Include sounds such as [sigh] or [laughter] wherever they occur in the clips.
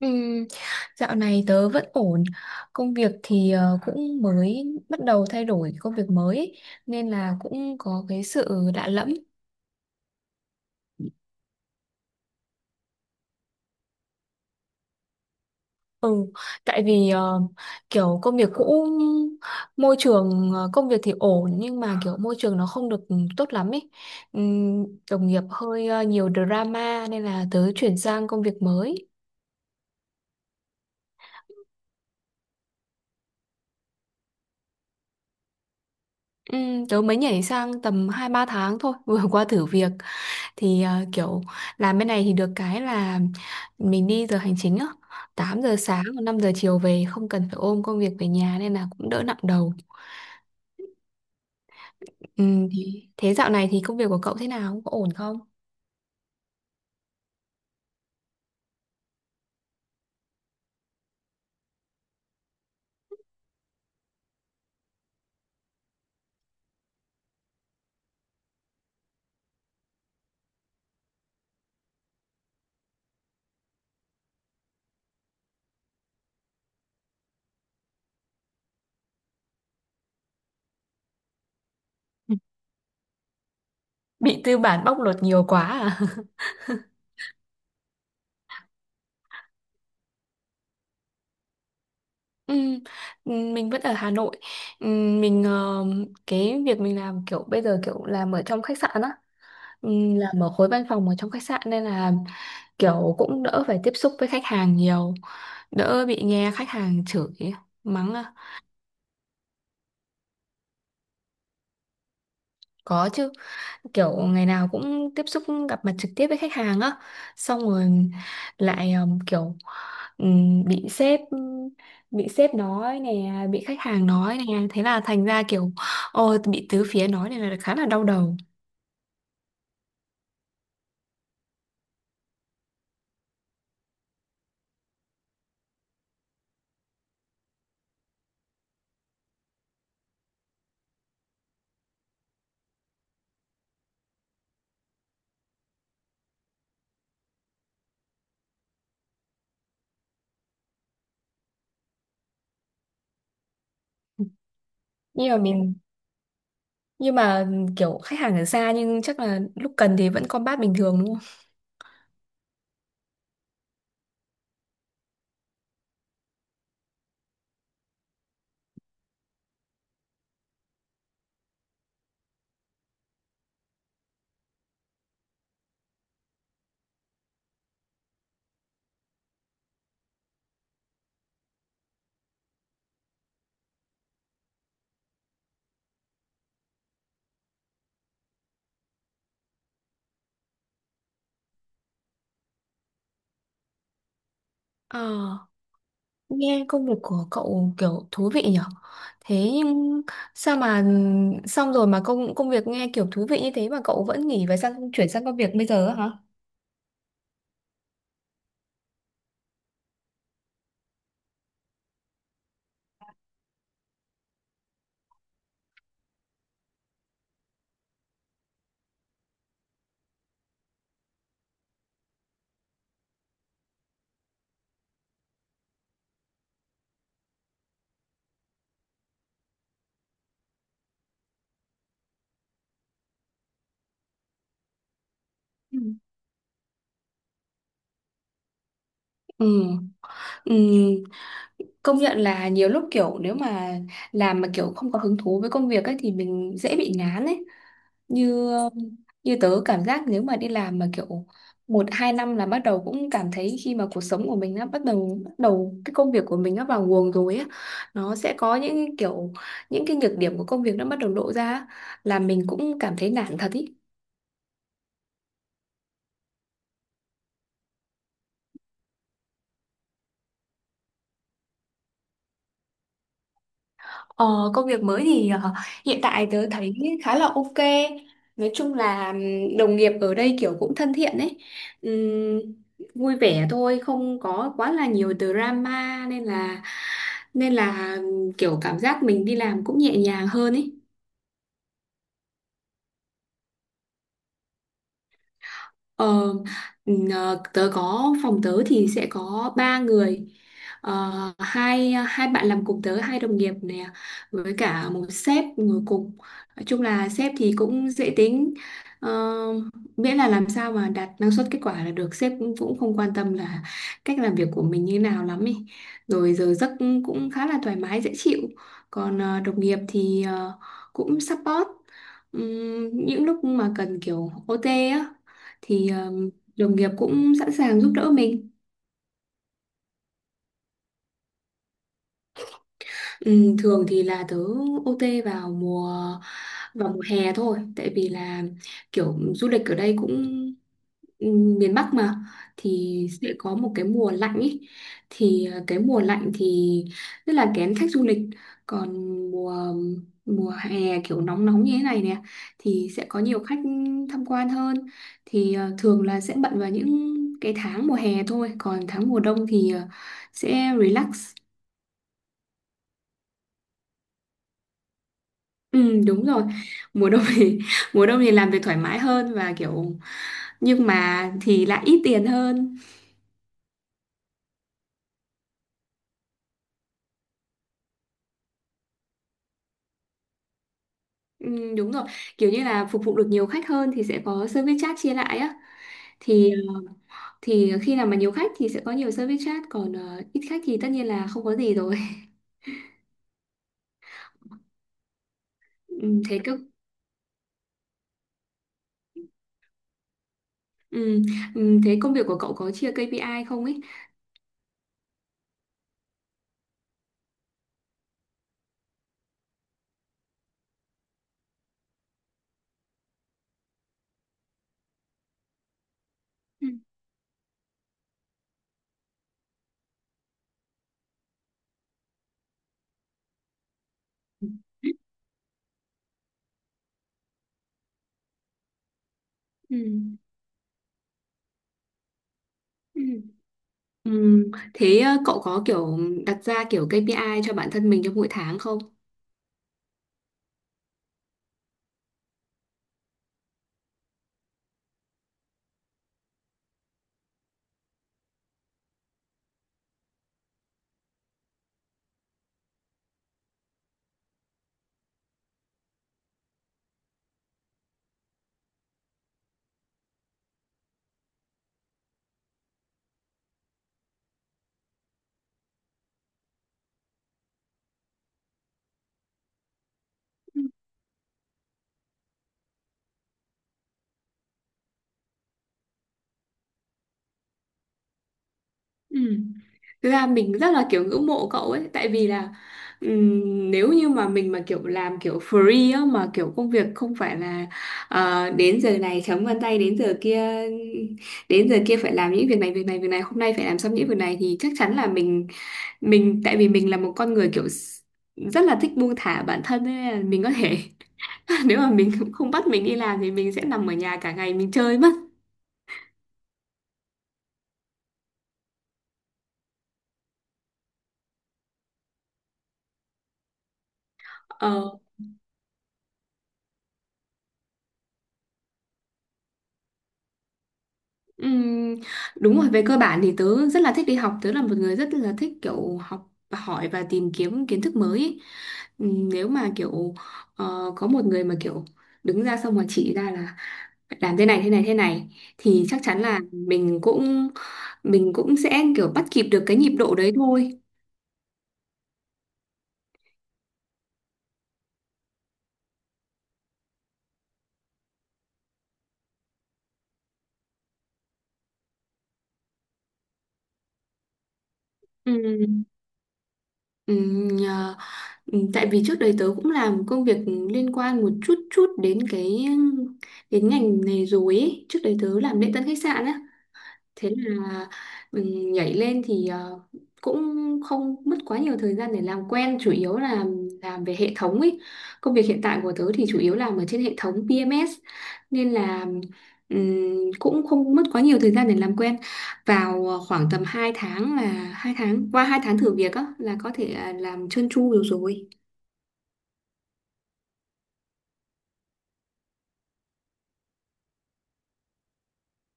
Ừm, Dạo này tớ vẫn ổn. Công việc thì cũng mới bắt đầu thay đổi công việc mới ấy, nên là cũng có cái sự lạ lẫm. Ừ, tại vì kiểu công việc cũ, môi trường, công việc thì ổn nhưng mà kiểu môi trường nó không được tốt lắm ấy. Ừm, Đồng nghiệp hơi nhiều drama nên là tớ chuyển sang công việc mới. Ừ, tớ mới nhảy sang tầm 2 3 tháng thôi, [laughs] vừa qua thử việc thì kiểu làm bên này thì được cái là mình đi giờ hành chính á, 8 giờ sáng và 5 giờ chiều về không cần phải ôm công việc về nhà nên là cũng đỡ nặng đầu. Ừ, thì thế dạo này thì công việc của cậu thế nào, có ổn không? [laughs] Bị tư bản bóc lột nhiều quá à? [laughs] Ừ, mình vẫn ở Hà Nội. Ừ, Mình ờ, cái việc mình làm kiểu bây giờ kiểu làm ở trong khách sạn á. Ừ, làm ở khối văn phòng ở trong khách sạn nên là kiểu cũng đỡ phải tiếp xúc với khách hàng nhiều, đỡ bị nghe khách hàng chửi mắng à. Có chứ, kiểu ngày nào cũng tiếp xúc, gặp mặt trực tiếp với khách hàng á, xong rồi lại kiểu bị sếp, nói nè, bị khách hàng nói nè, thế là thành ra kiểu ôi bị tứ phía nói, này là khá là đau đầu. nhưng mà mình nhưng mà kiểu khách hàng ở xa nhưng chắc là lúc cần thì vẫn combat bình thường đúng không? Ờ, nghe công việc của cậu kiểu thú vị nhở. Thế nhưng sao mà xong rồi mà công công việc nghe kiểu thú vị như thế mà cậu vẫn nghỉ và sang chuyển sang công việc bây giờ á hả? Ừ. Ừ. Ừ. Công nhận là nhiều lúc kiểu nếu mà làm mà kiểu không có hứng thú với công việc ấy thì mình dễ bị ngán ấy, như như tớ cảm giác nếu mà đi làm mà kiểu 1 2 năm là bắt đầu cũng cảm thấy, khi mà cuộc sống của mình nó bắt đầu, cái công việc của mình nó vào guồng rồi á, nó sẽ có những kiểu, những cái nhược điểm của công việc nó bắt đầu lộ ra á, là mình cũng cảm thấy nản thật ý. Ờ, công việc mới thì hiện tại tớ thấy khá là ok. Nói chung là đồng nghiệp ở đây kiểu cũng thân thiện ấy. Ừm, Vui vẻ thôi, không có quá là nhiều drama, nên là kiểu cảm giác mình đi làm cũng nhẹ nhàng hơn ấy. Ờ, tớ có phòng tớ thì sẽ có ba người. Ờ, hai hai bạn làm cùng tớ, hai đồng nghiệp nè với cả một sếp ngồi cùng. Nói chung là sếp thì cũng dễ tính. Ờ, miễn là làm sao mà đạt năng suất kết quả là được, sếp cũng, không quan tâm là cách làm việc của mình như nào lắm ý, rồi giờ giấc cũng khá là thoải mái dễ chịu. Còn đồng nghiệp thì cũng support. Những lúc mà cần kiểu OT á thì đồng nghiệp cũng sẵn sàng giúp đỡ mình. Ừ, thường thì là tớ OT vào mùa, hè thôi, tại vì là kiểu du lịch ở đây cũng, ừ, miền Bắc mà thì sẽ có một cái mùa lạnh ý. Thì cái mùa lạnh thì rất là kén khách du lịch, còn mùa, hè kiểu nóng nóng như thế này nè thì sẽ có nhiều khách tham quan hơn. Thì thường là sẽ bận vào những cái tháng mùa hè thôi, còn tháng mùa đông thì sẽ relax. Ừ, đúng rồi. Mùa đông thì, [laughs] mùa đông thì làm việc thoải mái hơn và kiểu, nhưng mà thì lại ít tiền hơn. Ừ, đúng rồi, kiểu như là phục vụ được nhiều khách hơn thì sẽ có service charge chia lại á. Thì thì khi nào mà nhiều khách thì sẽ có nhiều service charge, còn ít khách thì tất nhiên là không có gì rồi. [laughs] Ừ, thế cơ. ừ, Thế công việc của cậu có chia KPI không ấy? Ừ. Ừ. Ừ. Ừ, thế cậu có kiểu đặt ra kiểu KPI cho bản thân mình trong mỗi tháng không? Ừ. Thực ra mình rất là kiểu ngưỡng mộ cậu ấy, tại vì là nếu như mà mình mà kiểu làm kiểu free á, mà kiểu công việc không phải là đến giờ này chấm vân tay, đến giờ kia, phải làm những việc này, hôm nay phải làm xong những việc này, thì chắc chắn là mình, tại vì mình là một con người kiểu rất là thích buông thả bản thân ấy, nên là mình có thể, [laughs] nếu mà mình không bắt mình đi làm thì mình sẽ nằm ở nhà cả ngày mình chơi mất. Ờ. Ừm, Đúng rồi, về cơ bản thì tớ rất là thích đi học, tớ là một người rất là thích kiểu học hỏi và tìm kiếm kiến thức mới ý. Nếu mà kiểu có một người mà kiểu đứng ra xong rồi chỉ ra là phải làm thế này thế này thế này, thì chắc chắn là mình cũng, sẽ kiểu bắt kịp được cái nhịp độ đấy thôi. Ừm, ừm, nhờ- Tại vì trước đây tớ cũng làm công việc liên quan một chút chút đến cái, ngành này rồi ấy. Trước đấy tớ làm lễ tân khách sạn á, thế là mình nhảy lên thì cũng không mất quá nhiều thời gian để làm quen, chủ yếu là làm về hệ thống ấy. Công việc hiện tại của tớ thì chủ yếu làm ở trên hệ thống PMS, nên là cũng không mất quá nhiều thời gian để làm quen, vào khoảng tầm 2 tháng là, 2 tháng thử việc á là có thể à, làm trơn tru được rồi.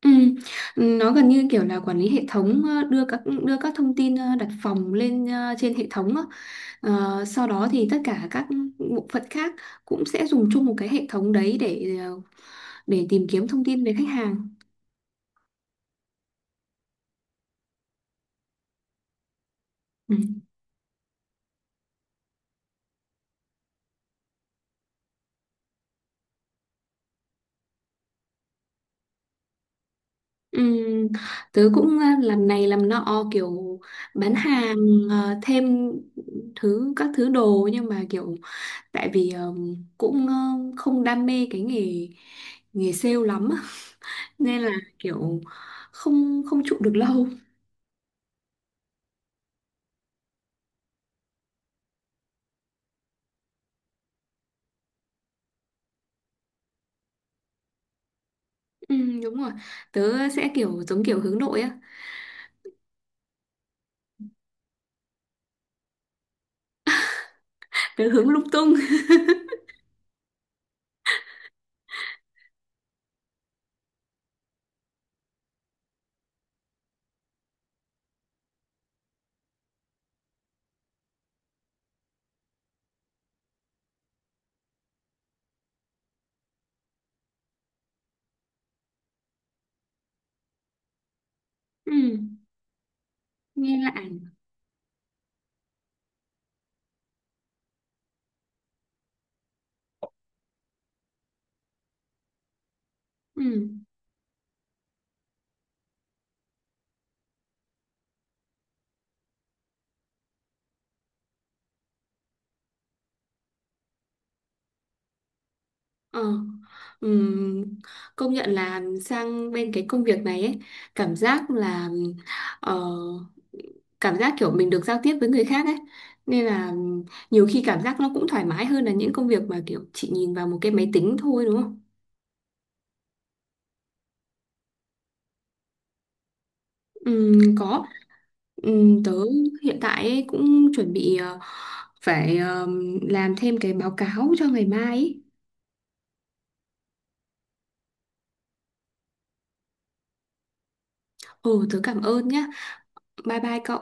Ừ. Nó gần như kiểu là quản lý hệ thống, đưa các, thông tin, đặt phòng lên, trên hệ thống á. Ờ, sau đó thì tất cả các bộ phận khác cũng sẽ dùng chung một cái hệ thống đấy để, tìm kiếm thông tin về khách hàng. Ừ. Ừ. Tớ cũng làm này làm nọ, kiểu bán hàng, thêm thứ các thứ đồ, nhưng mà kiểu, tại vì cũng không đam mê cái nghề nghề sale lắm á, nên là kiểu không không trụ được lâu. Ừ, đúng rồi, tớ sẽ kiểu giống kiểu hướng nội á. Tớ hướng lung tung. Ừ, nghe lạ à? ừ, ờ, ừm, Công nhận là sang bên cái công việc này ấy, cảm giác là, ờ, cảm giác kiểu mình được giao tiếp với người khác ấy, nên là nhiều khi cảm giác nó cũng thoải mái hơn là những công việc mà kiểu chị nhìn vào một cái máy tính thôi đúng không? Ừ, có. Tớ hiện tại ấy cũng chuẩn bị phải làm thêm cái báo cáo cho ngày mai ấy. Ừ, tớ cảm ơn nhá. Bye bye cậu.